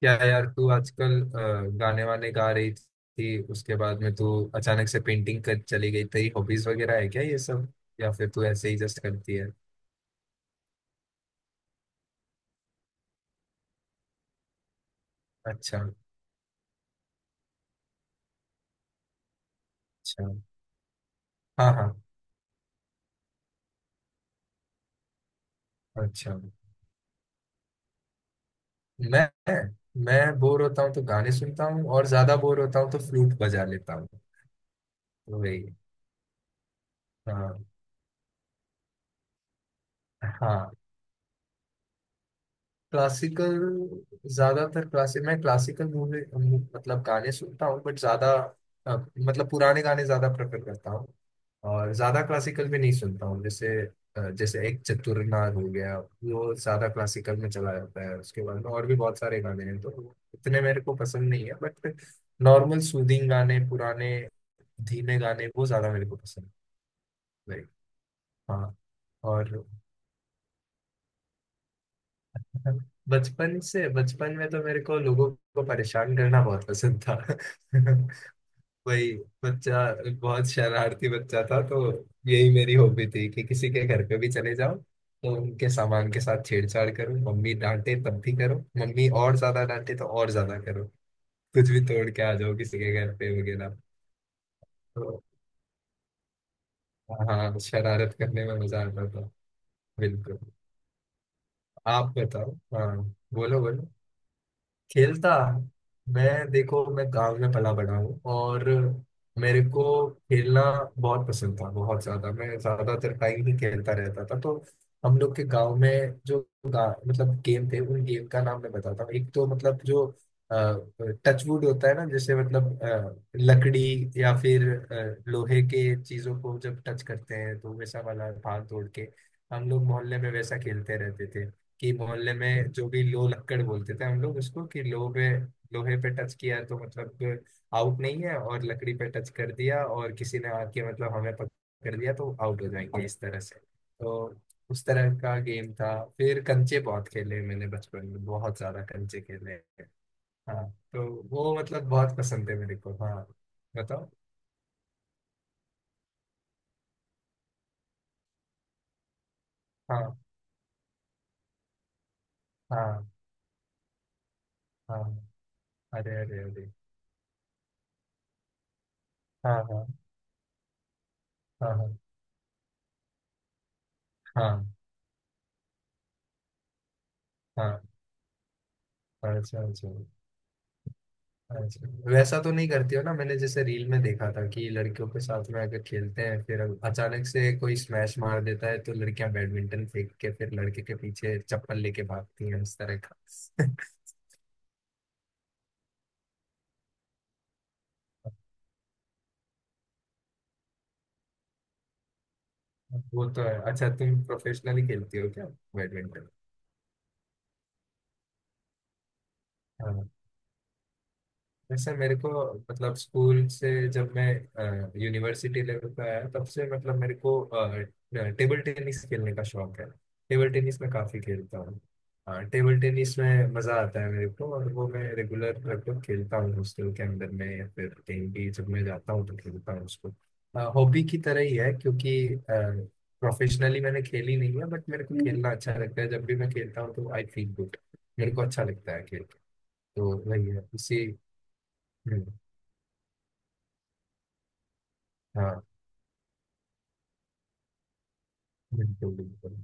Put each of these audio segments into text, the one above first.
क्या यार तू आजकल गाने वाने गा रही थी? उसके बाद में तू अचानक से पेंटिंग कर चली गई। तेरी हॉबीज वगैरह है क्या ये सब, या फिर तू ऐसे ही जस्ट करती है? अच्छा। अच्छा। हाँ हाँ। अच्छा। मैं मैं बोर होता हूँ तो गाने सुनता हूँ, और ज्यादा बोर होता हूँ तो फ्लूट बजा लेता हूँ। तो वही। हाँ हाँ। क्लासिकल। ज्यादातर क्लासिक, मैं क्लासिकल मूवी मतलब गाने सुनता हूँ, बट ज्यादा अ, मतलब पुराने गाने ज्यादा प्रेफर करता हूँ। और ज्यादा क्लासिकल भी नहीं सुनता हूँ। जैसे जैसे एक चतुरनार हो गया, वो ज्यादा क्लासिकल में चला जाता है। उसके बाद में और भी बहुत सारे गाने हैं तो इतने मेरे को पसंद नहीं है, बट नॉर्मल सूदिंग गाने पुराने, धीमे गाने वो ज्यादा मेरे को पसंद है। Like, हाँ। और बचपन से, बचपन में तो मेरे को लोगों को परेशान करना बहुत पसंद था। वही, बच्चा, बहुत शरारती बच्चा था तो। यही मेरी हॉबी थी कि किसी के घर पे भी चले जाओ तो उनके सामान के साथ छेड़छाड़ करो। मम्मी डांटे तब भी करो, मम्मी और ज्यादा डांटे तो और ज्यादा करो। कुछ भी तोड़ के आ जाओ किसी के घर पे वगैरह। तो हाँ, शरारत करने में मजा आता था। बिल्कुल। आप बताओ। हाँ, बोलो बोलो। खेलता, मैं देखो मैं गांव में पला बड़ा हूँ, और मेरे को खेलना बहुत पसंद था। बहुत ज्यादा, मैं ज्यादातर टाइम ही खेलता रहता था। तो हम लोग के गांव में जो मतलब गेम थे, उन गेम का नाम मैं बताता हूँ। एक तो मतलब जो टचवुड होता है ना, जैसे मतलब लकड़ी या फिर लोहे के चीजों को जब टच करते हैं तो वैसा वाला, भाग दौड़ के हम लोग मोहल्ले में वैसा खेलते रहते थे। कि मोहल्ले में जो भी लो, लक्कड़ बोलते थे हम लोग उसको, कि लो पे, लोहे पे टच किया तो मतलब आउट नहीं है, और लकड़ी पे टच कर दिया और किसी ने आके मतलब हमें पकड़ लिया तो आउट हो जाएंगे, इस तरह से। तो उस तरह का गेम था। फिर कंचे बहुत खेले, मैंने बचपन में बहुत ज्यादा कंचे खेले हैं। हाँ तो वो मतलब बहुत पसंद है मेरे को। हाँ बताओ। हाँ हाँ हाँ। अरे अरे अरे। हाँ हाँ हाँ हाँ हाँ हाँ। अच्छा अच्छा। अच्छा, वैसा तो नहीं करती हो ना? मैंने जैसे रील में देखा था कि लड़कियों के साथ में अगर खेलते हैं, फिर अचानक से कोई स्मैश मार देता है तो लड़कियां बैडमिंटन फेंक के फिर लड़के के पीछे चप्पल लेके भागती हैं, इस तरह का। वो तो है। अच्छा, तुम प्रोफेशनली खेलती हो क्या बैडमिंटन? नहीं सर, मेरे को मतलब स्कूल से, जब मैं यूनिवर्सिटी लेवल पे आया तब से मतलब मेरे को टेबल टेनिस खेलने का शौक है। टेबल टेनिस मैं काफी खेलता हूँ। टेबल टेनिस में मजा आता है मेरे को, और वो मैं रेगुलर लगभग खेलता हूँ हॉस्टल के अंदर में, या फिर कहीं भी जब मैं जाता हूँ तो खेलता हूँ उसको। हॉबी की तरह ही है, क्योंकि प्रोफेशनली मैंने खेली नहीं है, बट मेरे को खेलना अच्छा लगता है। जब भी मैं खेलता हूँ तो आई फील गुड, मेरे को अच्छा लगता है खेल के। तो वही है इसी। हम्म। हाँ बिल्कुल बिल्कुल।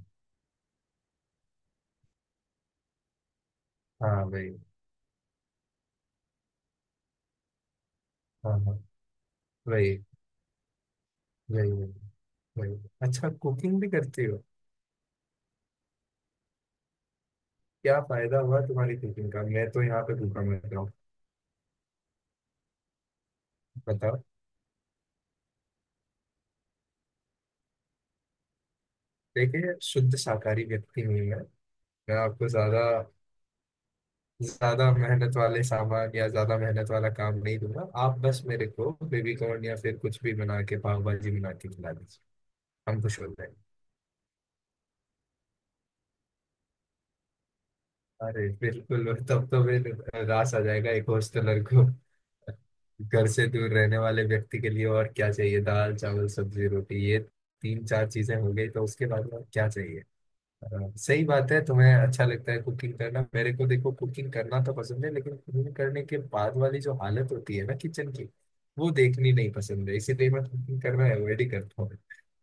हाँ वही। हाँ हाँ। वही वही वही। वही। अच्छा कुकिंग भी करती हो? क्या फायदा हुआ तुम्हारी कुकिंग का, मैं तो यहाँ पे भूखा मर रहा हूँ। बताओ। देखिए, शुद्ध शाकाहारी व्यक्ति हूँ मैं। मैं आपको ज्यादा, ज्यादा मेहनत वाले सामान या ज्यादा मेहनत वाला काम नहीं दूंगा। आप बस मेरे को बेबी कॉर्न या फिर कुछ भी बना के, पाव भाजी बना के खिला दीजिए, हम खुश हो जाएंगे। अरे बिल्कुल, तब तो फिर रास आ जाएगा एक हॉस्टलर को, घर से दूर रहने वाले व्यक्ति के लिए। और क्या चाहिए, दाल चावल सब्जी रोटी ये तीन चार चीजें हो गई तो उसके बाद और क्या चाहिए। हाँ, सही बात है। तुम्हें अच्छा लगता है कुकिंग करना, मेरे को देखो कुकिंग करना तो पसंद है, लेकिन कुकिंग करने के बाद वाली जो हालत होती है ना किचन की, वो देखनी नहीं पसंद है, इसीलिए मैं कुकिंग करना अवॉइड ही करता हूँ।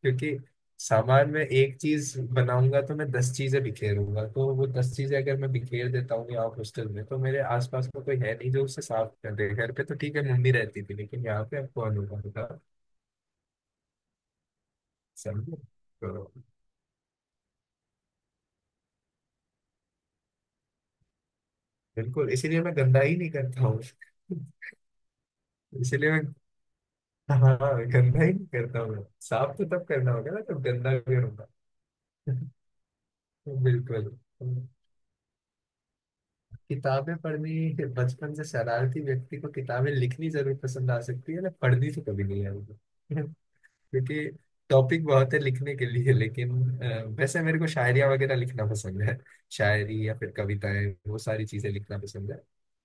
क्योंकि सामान में एक चीज बनाऊंगा तो मैं दस चीजें बिखेरूंगा, तो वो दस चीजें अगर मैं बिखेर देता हूँ यहाँ हॉस्टल में, तो मेरे आसपास में कोई है नहीं जो उसे साफ कर दे। घर पे तो ठीक है, मम्मी रहती थी, लेकिन यहाँ पे अब कौन होगा, बताओ। समझे। तो बिल्कुल, इसीलिए मैं गंदा ही नहीं करता हूँ। इसीलिए मैं, हाँ, गंदा ही नहीं करता हूँ। साफ तो तब करना होगा ना, तब गंदा करूंगा। बिल्कुल। किताबें पढ़नी, बचपन से शरारती व्यक्ति को किताबें लिखनी जरूर पसंद आ सकती है ना, पढ़नी तो कभी नहीं आएगी। क्योंकि टॉपिक बहुत है लिखने के लिए, लेकिन वैसे मेरे को शायरिया वगैरह लिखना पसंद है। शायरी या फिर कविताएं, वो सारी चीजें लिखना पसंद है।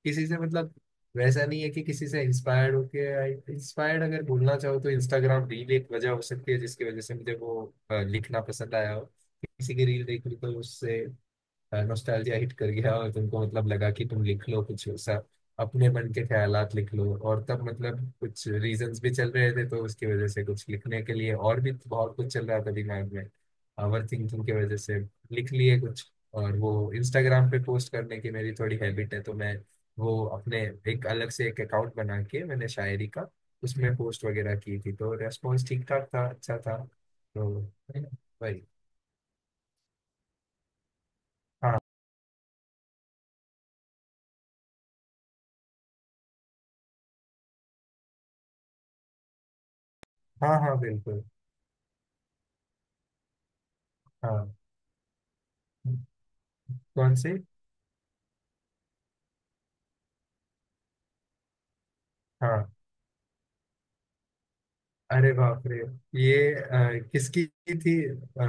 किसी से मतलब, वैसा नहीं है कि किसी से इंस्पायर्ड होके, इंस्पायर्ड अगर बोलना चाहो तो इंस्टाग्राम रील एक वजह हो सकती है जिसकी वजह से मुझे वो लिखना पसंद आया हो। किसी की रील देख ली तो उससे नोस्टैल्जिया हिट कर गया, और तुमको मतलब लगा कि तुम लिख लो कुछ सा, अपने मन के ख्यालात लिख लो। और तब मतलब कुछ रीजंस भी चल रहे थे तो उसकी वजह से कुछ लिखने के लिए, और भी बहुत कुछ चल रहा था दिमाग में ओवर थिंकिंग की वजह से, लिख लिए कुछ। और वो इंस्टाग्राम पे पोस्ट करने की मेरी थोड़ी हैबिट है, तो मैं वो अपने, एक अलग से एक अकाउंट बना के मैंने शायरी का उसमें पोस्ट वगैरह की थी, तो रेस्पॉन्स ठीक ठाक था, अच्छा था। तो वही। हाँ हाँ हाँ बिल्कुल। हाँ कौन सी? हाँ, अरे बाप रे, ये किसकी थी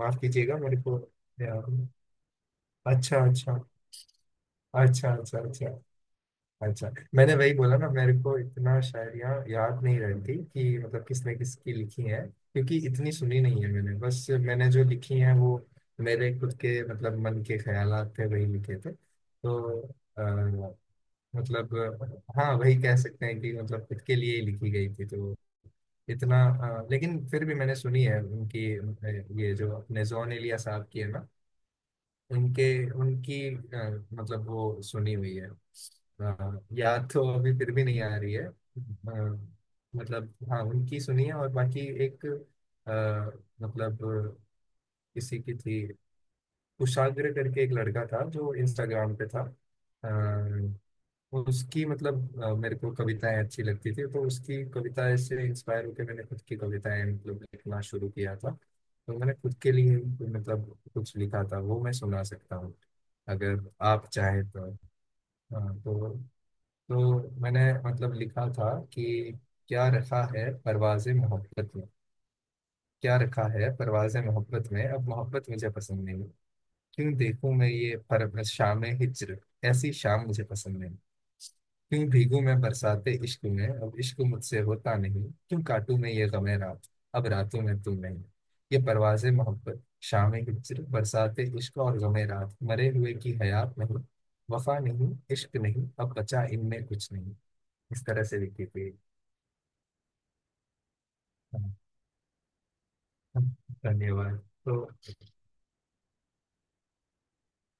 माफ कीजिएगा, मेरे को नहीं। अच्छा अच्छा। अच्छा अच्छा अच्छा। अच्छा मैंने वही बोला ना, मेरे को इतना शायरियाँ याद नहीं रहती कि मतलब किसने किसकी लिखी है। क्योंकि इतनी सुनी नहीं है मैंने, बस मैंने जो लिखी है वो मेरे खुद के मतलब मन के ख्यालात थे, वही लिखे थे तो अ, मतलब हाँ, वही कह सकते हैं कि मतलब खुद के लिए ही लिखी गई थी। तो इतना लेकिन फिर भी मैंने सुनी है उनकी ये जो अपने जॉन एलिया साहब की है ना, उनके उनकी मतलब वो सुनी हुई है, याद तो अभी फिर भी नहीं आ रही है। मतलब हाँ, उनकी सुनी है। और बाकी एक अ, मतलब किसी की थी, कुशाग्र करके एक लड़का था जो इंस्टाग्राम पे था, उसकी मतलब मेरे को कविताएं अच्छी लगती थी, तो उसकी कविताएं से इंस्पायर होकर मैंने खुद की कविताएं मतलब लिखना शुरू किया था। तो मैंने खुद के लिए मतलब कुछ लिखा था, वो मैं सुना सकता हूँ अगर आप चाहें तो। हाँ तो मैंने मतलब लिखा था कि, क्या रखा है परवाज़ मोहब्बत में, क्या रखा है परवाज़ मोहब्बत में, अब मोहब्बत मुझे पसंद नहीं। क्यों देखूं मैं ये परवश शाम हिजर, ऐसी शाम मुझे पसंद नहीं। क्यों भीगू मैं बरसाते इश्क में, अब इश्क मुझसे होता नहीं। क्यों काटू मैं ये गमे रात, अब रातों में तुम नहीं। ये परवाज़े मोहब्बत, शाम हिजर, बरसाते इश्क और गमे रात, मरे हुए की हयात नहीं। वफा नहीं, इश्क नहीं, अब बचा इनमें कुछ नहीं। इस तरह से लिखी थी। हाँ, हाँ, धन्यवाद। तो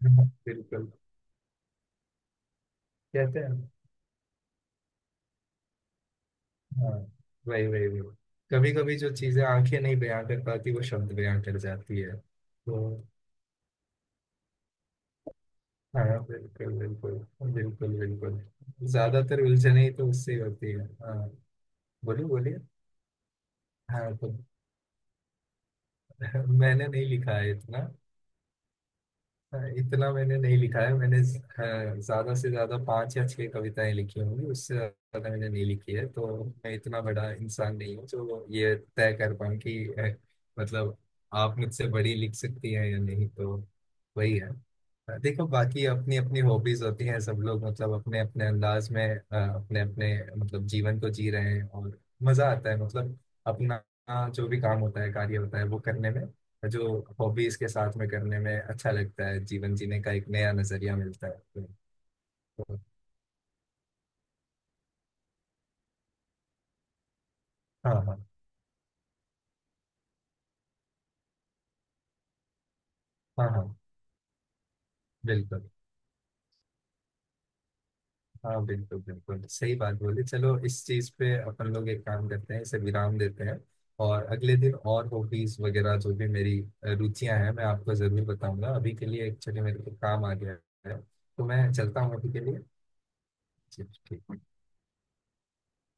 बिल्कुल। कहते हैं, हाँ वही वही वही, कभी कभी जो चीजें आंखें नहीं बयां कर पाती वो शब्द बयां कर जाती है, तो हाँ बिल्कुल बिल्कुल। बिल्कुल बिल्कुल, ज्यादातर उलझने ही तो उससे ही होती है, हाँ। बोलिए बोलिए। हाँ तो मैंने नहीं लिखा है इतना। हाँ, इतना मैंने नहीं लिखा है। हाँ, ज्यादा से ज्यादा 5 या 6 कविताएं लिखी होंगी, उससे ज्यादा मैंने नहीं लिखी है। तो मैं इतना बड़ा इंसान नहीं हूँ जो ये तय कर पाऊँ कि मतलब आप मुझसे बड़ी लिख सकती हैं या नहीं। तो वही है। देखो बाकी अपनी अपनी हॉबीज होती हैं, सब लोग मतलब अपने अपने अंदाज में अपने अपने मतलब जीवन को जी रहे हैं, और मजा आता है मतलब अपना जो भी काम होता है, कार्य होता है, वो करने में, जो हॉबीज के साथ में करने में अच्छा लगता है, जीवन जीने का एक नया नजरिया मिलता है तो, हाँ हाँ हाँ हाँ बिल्कुल। हाँ बिल्कुल बिल्कुल, सही बात बोली। चलो इस चीज पे अपन लोग एक काम करते हैं, इसे विराम देते हैं, और अगले दिन और हॉबीज वगैरह जो भी मेरी रुचियां हैं मैं आपको जरूर बताऊंगा। अभी के लिए एक्चुअली मेरे को काम आ गया है, तो मैं चलता हूँ अभी के लिए। जी, ठीक।